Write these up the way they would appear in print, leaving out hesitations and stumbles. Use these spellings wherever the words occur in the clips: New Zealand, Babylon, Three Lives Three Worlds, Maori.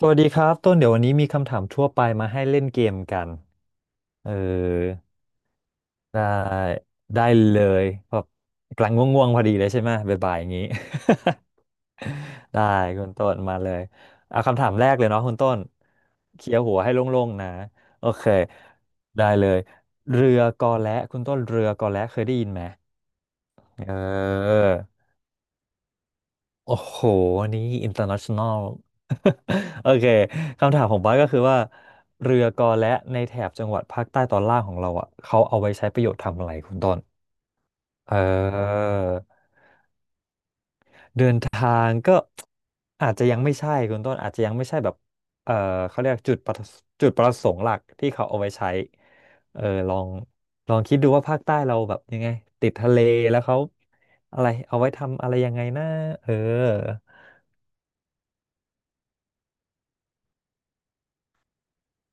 สวัสดีครับต้นเดี๋ยววันนี้มีคำถามทั่วไปมาให้เล่นเกมกันเออได้ได้เลยแบบกำลังง่วงๆพอดีเลยใช่ไหมบ่ายๆอย่างนี้ ได้คุณต้นมาเลยเอาคำถามแรกเลยเนาะคุณต้นเคลียร์หัวให้โล่งๆนะโอเคได้เลยเรือกอและคุณต้นเรือกอและเคยได้ยินไหมเออ โอ้โหอันนี้ international โอเคคำถามของบ้าสก็คือว่าเรือกอและในแถบจังหวัดภาคใต้ตอนล่างของเราอ่ะเขาเอาไว้ใช้ประโยชน์ทำอะไรคุณต้นเออเดินทางก็อาจจะยังไม่ใช่คุณต้นอาจจะยังไม่ใช่แบบเออเขาเรียกจุดประสงค์หลักที่เขาเอาไว้ใช้เออลองลองคิดดูว่าภาคใต้เราแบบยังไงติดทะเลแล้วเขาอะไรเอาไว้ทำอะไรยังไงนะเออ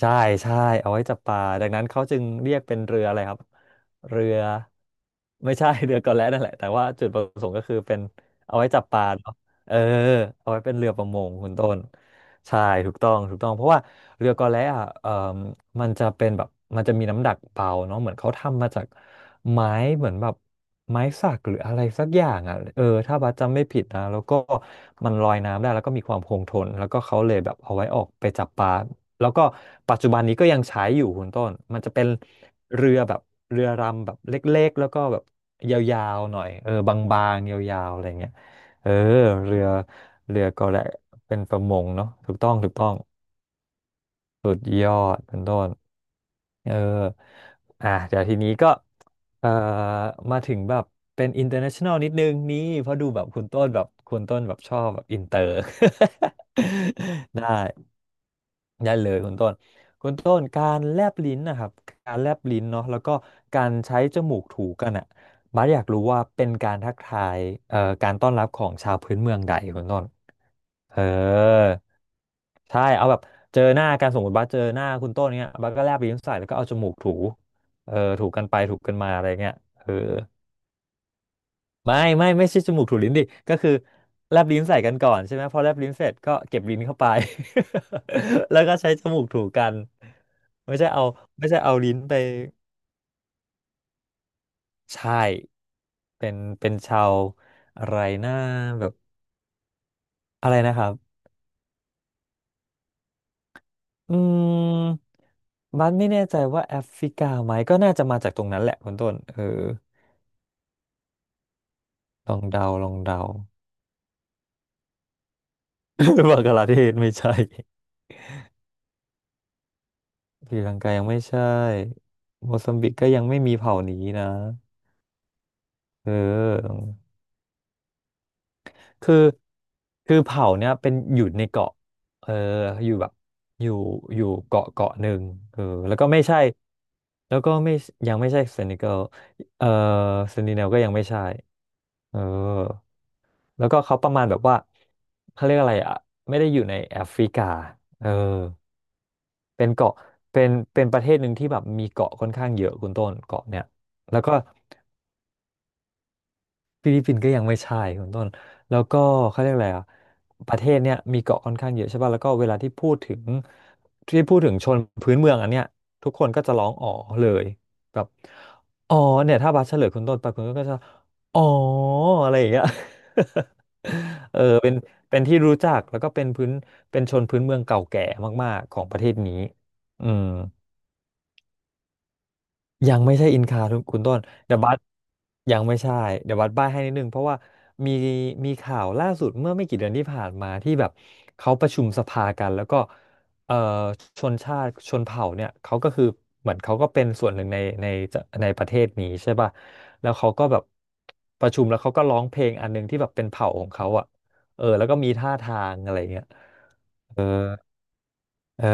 ใช่ใช่เอาไว้จับปลาดังนั้นเขาจึงเรียกเป็นเรืออะไรครับเรือไม่ใช่ เรือกอแล่นั่นแหละแต่ว่าจุดประสงค์ก็คือเป็นเอาไว้จับปลาเนาะเออเอาไว้เป็นเรือประมงคุณต้นใช่ถูกต้องเพราะว่าเรือกอแล่อะมันจะเป็นแบบมันจะมีน้ำหนักเบาเนาะเหมือนเขาทำมาจากไม้เหมือนแบบไม้สักหรืออะไรสักอย่างอ่ะเออถ้าบัสจำไม่ผิดนะแล้วก็มันลอยน้ำได้แล้วก็มีความคงทนแล้วก็เขาเลยแบบเอาไว้ออกไปจับปลา แล้วก็ปัจจุบันนี้ก็ยังใช้อยู่คุณต้นมันจะเป็นเรือแบบเรือรำแบบเล็กๆแล้วก็แบบยาวๆหน่อยบางๆยาวๆอะไรเงี้ยเออเรือเรือก็แหละเป็นประมงเนาะถูกต้องสุดยอดคุณต้นเอออ่ะเดี๋ยวทีนี้ก็เอ่อมาถึงแบบเป็น international นิดนึงนี่เพราะดูแบบคุณต้นแบบชอบแบบอินเตอร์ ได้ ได้เลยคุณต้นคุณต้นการแลบลิ้นนะครับการแลบลิ้นเนาะแล้วก็การใช้จมูกถูกันอ่ะบาสอยากรู้ว่าเป็นการทักทายการต้อนรับของชาวพื้นเมืองใดคุณต้นเออใช่เอาแบบเจอหน้ากันสมมติบัสเจอหน้าคุณต้นเนี้ยบัสก็แลบลิ้นใส่แล้วก็เอาจมูกถูถูกันไปถูกันมาอะไรเงี้ยเออ ไม่ใช่จมูกถูลิ้นดิก็คือแลบลิ้นใส่กันก่อนใช่ไหมพอแลบลิ้นเสร็จก็เก็บลิ้นเข้าไป แล้วก็ใช้จมูกถูกันไม่ใช่เอาไม่ใช่เอาลิ้นไปใช่เป็นชาวอะไรนะแบบอะไรนะครับอืมบัสไม่แน่ใจว่าแอฟริกาไหมก็น่าจะมาจากตรงนั้นแหละคุณต้นลองเดา บังกลาเทศไม่ใช่ ศรีลังกายังไม่ใช่โมซัมบิกก็ยังไม่มีเผ่านี้นะ เออคือ คือเผ่าเนี่ยเป็นอยู่ในเกาะเอออยู่แบบอยู่อยู่เกาะหนึ่งเออแล้วก็ไม่ใช่แล้วก็ไม่ยังไม่ใช่เซนิเกลเออเซนิเนลก็ยังไม่ใช่เออแล้วก็เขาประมาณแบบว่าเขาเรียกอะไรอ่ะไม่ได้อยู่ในแอฟริกาเออเป็นเกาะเป็นประเทศหนึ่งที่แบบมีเกาะค่อนข้างเยอะคุณต้นเกาะเนี่ยแล้วก็ ฟิลิปปินส์ก็ยังไม่ใช่คุณต้นแล้วก็เขาเรียกอะไรอ่ะประเทศเนี้ยมีเกาะค่อนข้างเยอะใช่ป่ะแล้วก็เวลาที่พูดถึงชนพื้นเมืองอันเนี้ยทุกคนก็จะร้องอ๋อเลยแบบอ๋อเนี่ยถ้าบัสเฉลยคุณต้นไปคุณก็จะอ๋ออะไรอย่างเงี้ย เป็นที่รู้จักแล้วก็เป็นพื้นเป็นชนพื้นเมืองเก่าแก่มากๆของประเทศนี้อืม ยังไม่ใช่อินคาทุกคุณต้นเดอะบัสยังไม่ใช่เดอะบัสบ้ายให้นิดนึงเพราะว่ามีข่าวล่าสุดเมื่อไม่กี่เดือนที่ผ่านมาที่แบบเขาประชุมสภากันแล้วก็เอ่อชนชาติชนเผ่าเนี่ยเขาก็คือเหมือนเขาก็เป็นส่วนหนึ่งในในประเทศนี้ใช่ป่ะแล้วเขาก็แบบประชุมแล้วเขาก็ร้องเพลงอันหนึงที่แบบเป็นเผ่าของเขาอ่ะแล้วก็มีท่าทางอะไรเงี้ยเออเออ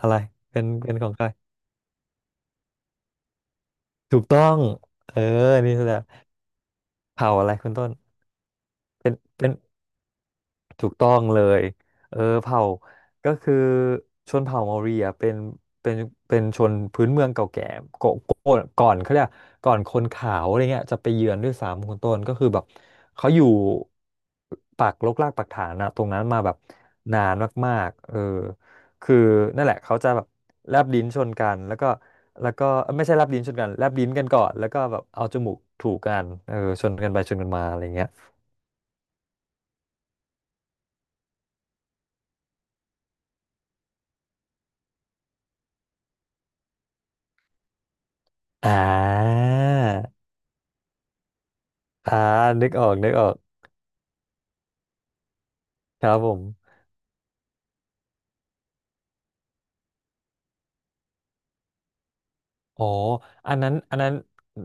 อะไรเป็นของใครถูกต้องเออนี่แหละ เผ่าอะไรคุณต้นเป็นถูกต้องเลยเออเผ่าก็คือชนเผ่าเมารีอ่ะเป็นเป็นเป็นชนพื้นเมืองเก่าแก่ก่อนก่อนเขาเรียกก่อนคนขาวอะไรเงี้ยจะไปเยือนด้วยซ้ำคุณต้นก็คือแบบเขาอยู่ปักรกรากปักฐานอะตรงนั้นมาแบบนานมากๆเออคือนั่นแหละเขาจะแบบแลบลิ้นชนกันแล้วก็แล้วก็เอ้ยไม่ใช่แลบลิ้นชนกันแลบลิ้นกันก่อนแล้วก็แบบเอาจมูกถูกกันเออชนกันไปชนกันมาอะไรเงี้ย อ่าอ่านึกออกนึกออกครับผม อ๋ออันนั้นอันนั้น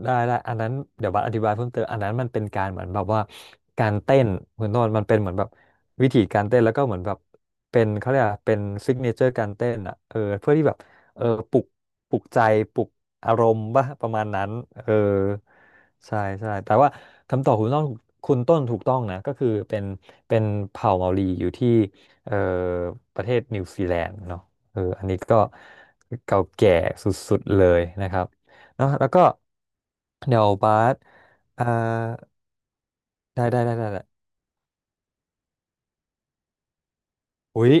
ได้ได้อันนั้นเดี๋ยวบัสอธิบายเพิ่มเติมอันนั้นมันเป็นการเหมือนแบบว่าการเต้นคุณโนนมันเป็นเหมือนแบบวิธีการเต้นแล้วก็เหมือนแบบเป็นเขาเรียกอะไรเป็นซิกเนเจอร์การเต้นอ่ะเออเพื่อที่แบบเออปลุกปลุกใจปลุกอารมณ์ป่ะประมาณนั้นเออใช่ใช่แต่ว่าคำตอบคุณต้นคุณต้นถูกต้องนะก็คือเป็นเป็นเผ่าเมารีอยู่ที่เออประเทศนิวซีแลนด์เนาะเอออันนี้ก็ เก่าแก่สุดๆเลยนะครับเนอะแล้วก็เดี๋ยวบาสอ่าได้ได้ได้ได้ได้อุ๊ย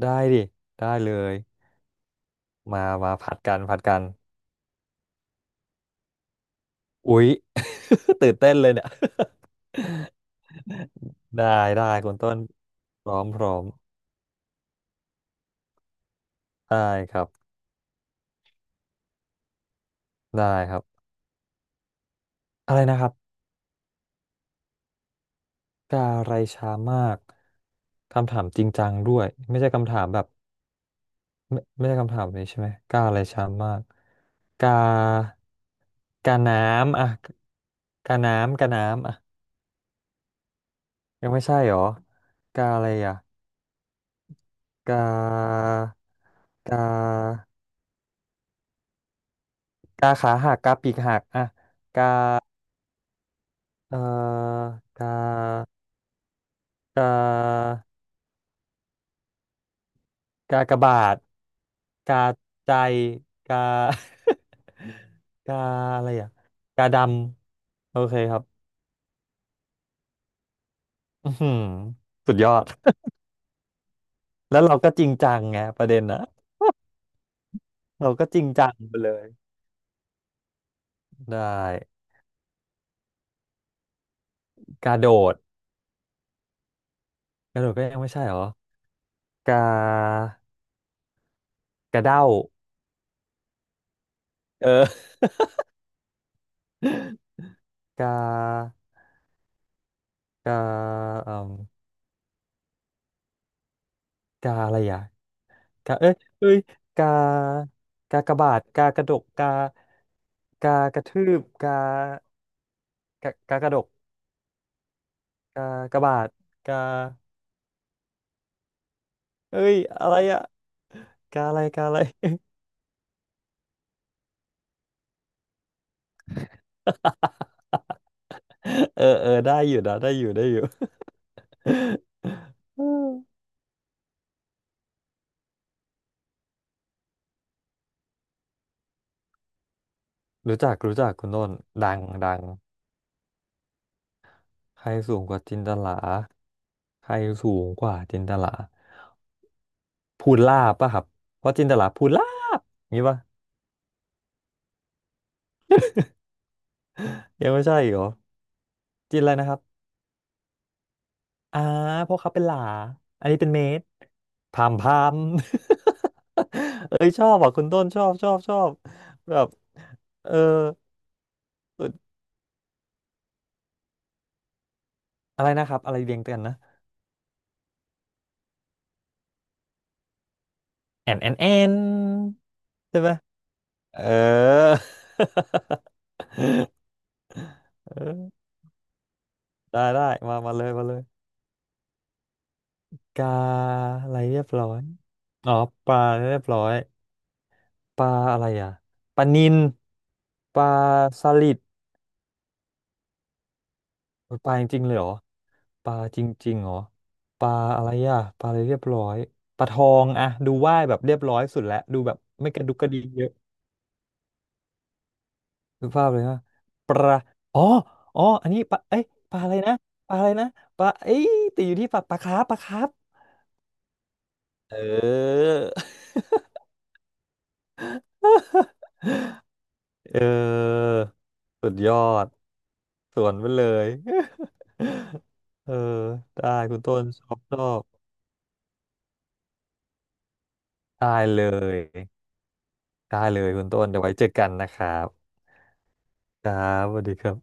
ได้ดิได้เลยมามาผัดกันผัดกันอุ๊ย ตื่นเต้นเลยเนี่ย ได้ได้คุณต้นพร้อมพร้อมได้ครับได้ครับอะไรนะครับกาไรช้ามากคำถามจริงจังด้วยไม่ใช่คำถามแบบ ไม่ไม่ใช่คำถามนี้ใช่ไหมกาอะไรช้ำมากกากาน้ำอ่ะกาน้ำกาน้ำอ่ะยังไม่ใช่หรอกาอะไรอ่ะกากากาขาหักกาปีกหักอ่ะเอ่อกากากากบาทกาใจกา กาอะไรอ่ะกาดำโอเคครับอือหือสุดยอด แล้วเราก็จริงจังไงประเด็นนะ เราก็จริงจังไปเลยได้กระโดดกระโดดก็ยังไม่ใช่เหรอกากระเด้าเออ กากาเอ่มกาอะไรอ่ะกาเอ้ยเอ้ยกากากระบาดกากระดกกากากระทืบกากากากระดกกากระบาดกาเอ้ยอะไรอ่ะกาอะไรกาอะไร เออเออได้อยู่นะได้อยู่ได้อยู่ รู้จักรู้จักคุณต้นดังดังใครสูงกว่าจินตลาใครสูงกว่าจินตลาพูนลาบป่ะครับเพราะจินตลาพูนลาบอย่างงี้ป่ะยังไม่ใช่อีกเหรอจินอะไรนะครับอ่าเพราะเขาเป็นหลาอันนี้เป็นเมตรพามพาม เอ้ยชอบอ่ะคุณต้นชอบชอบชอบแบบเอออะไรนะครับอะไรเรียงกันนะแอนแอนแอนใช่ไหม เออ เออได้ได้มามาเลยมาเลยกาอะไรเรียบร้อยอ๋อปลาเรียบร้อยปลาอะไรอ่ะปลานิลปลาสลิดโอ้ยปลาจริงๆเลยเหรอปลาจริงๆเหรอปลาอะไรอ่ะปลาอะไรเรียบร้อยปลาทองอะดูว่ายแบบเรียบร้อยสุดแล้วดูแบบไม่กระดุกกระดิกเยอะดูภาพเลยว่าปลาอ๋ออ๋ออันนี้ปลาเอ้ยปลาอะไรนะปลาอะไรนะปลาเอ้ยติดอยู่ที่ปลาปลาคาร์ปปลาคาร์ป เออ เออ สุดยอดสวนไปเลย เออ ได้คุณต้นชอบชอบได้เลยได้เลยคุณต้นเดี๋ยวไว้เจอกันนะครับครับสวัสดีครับ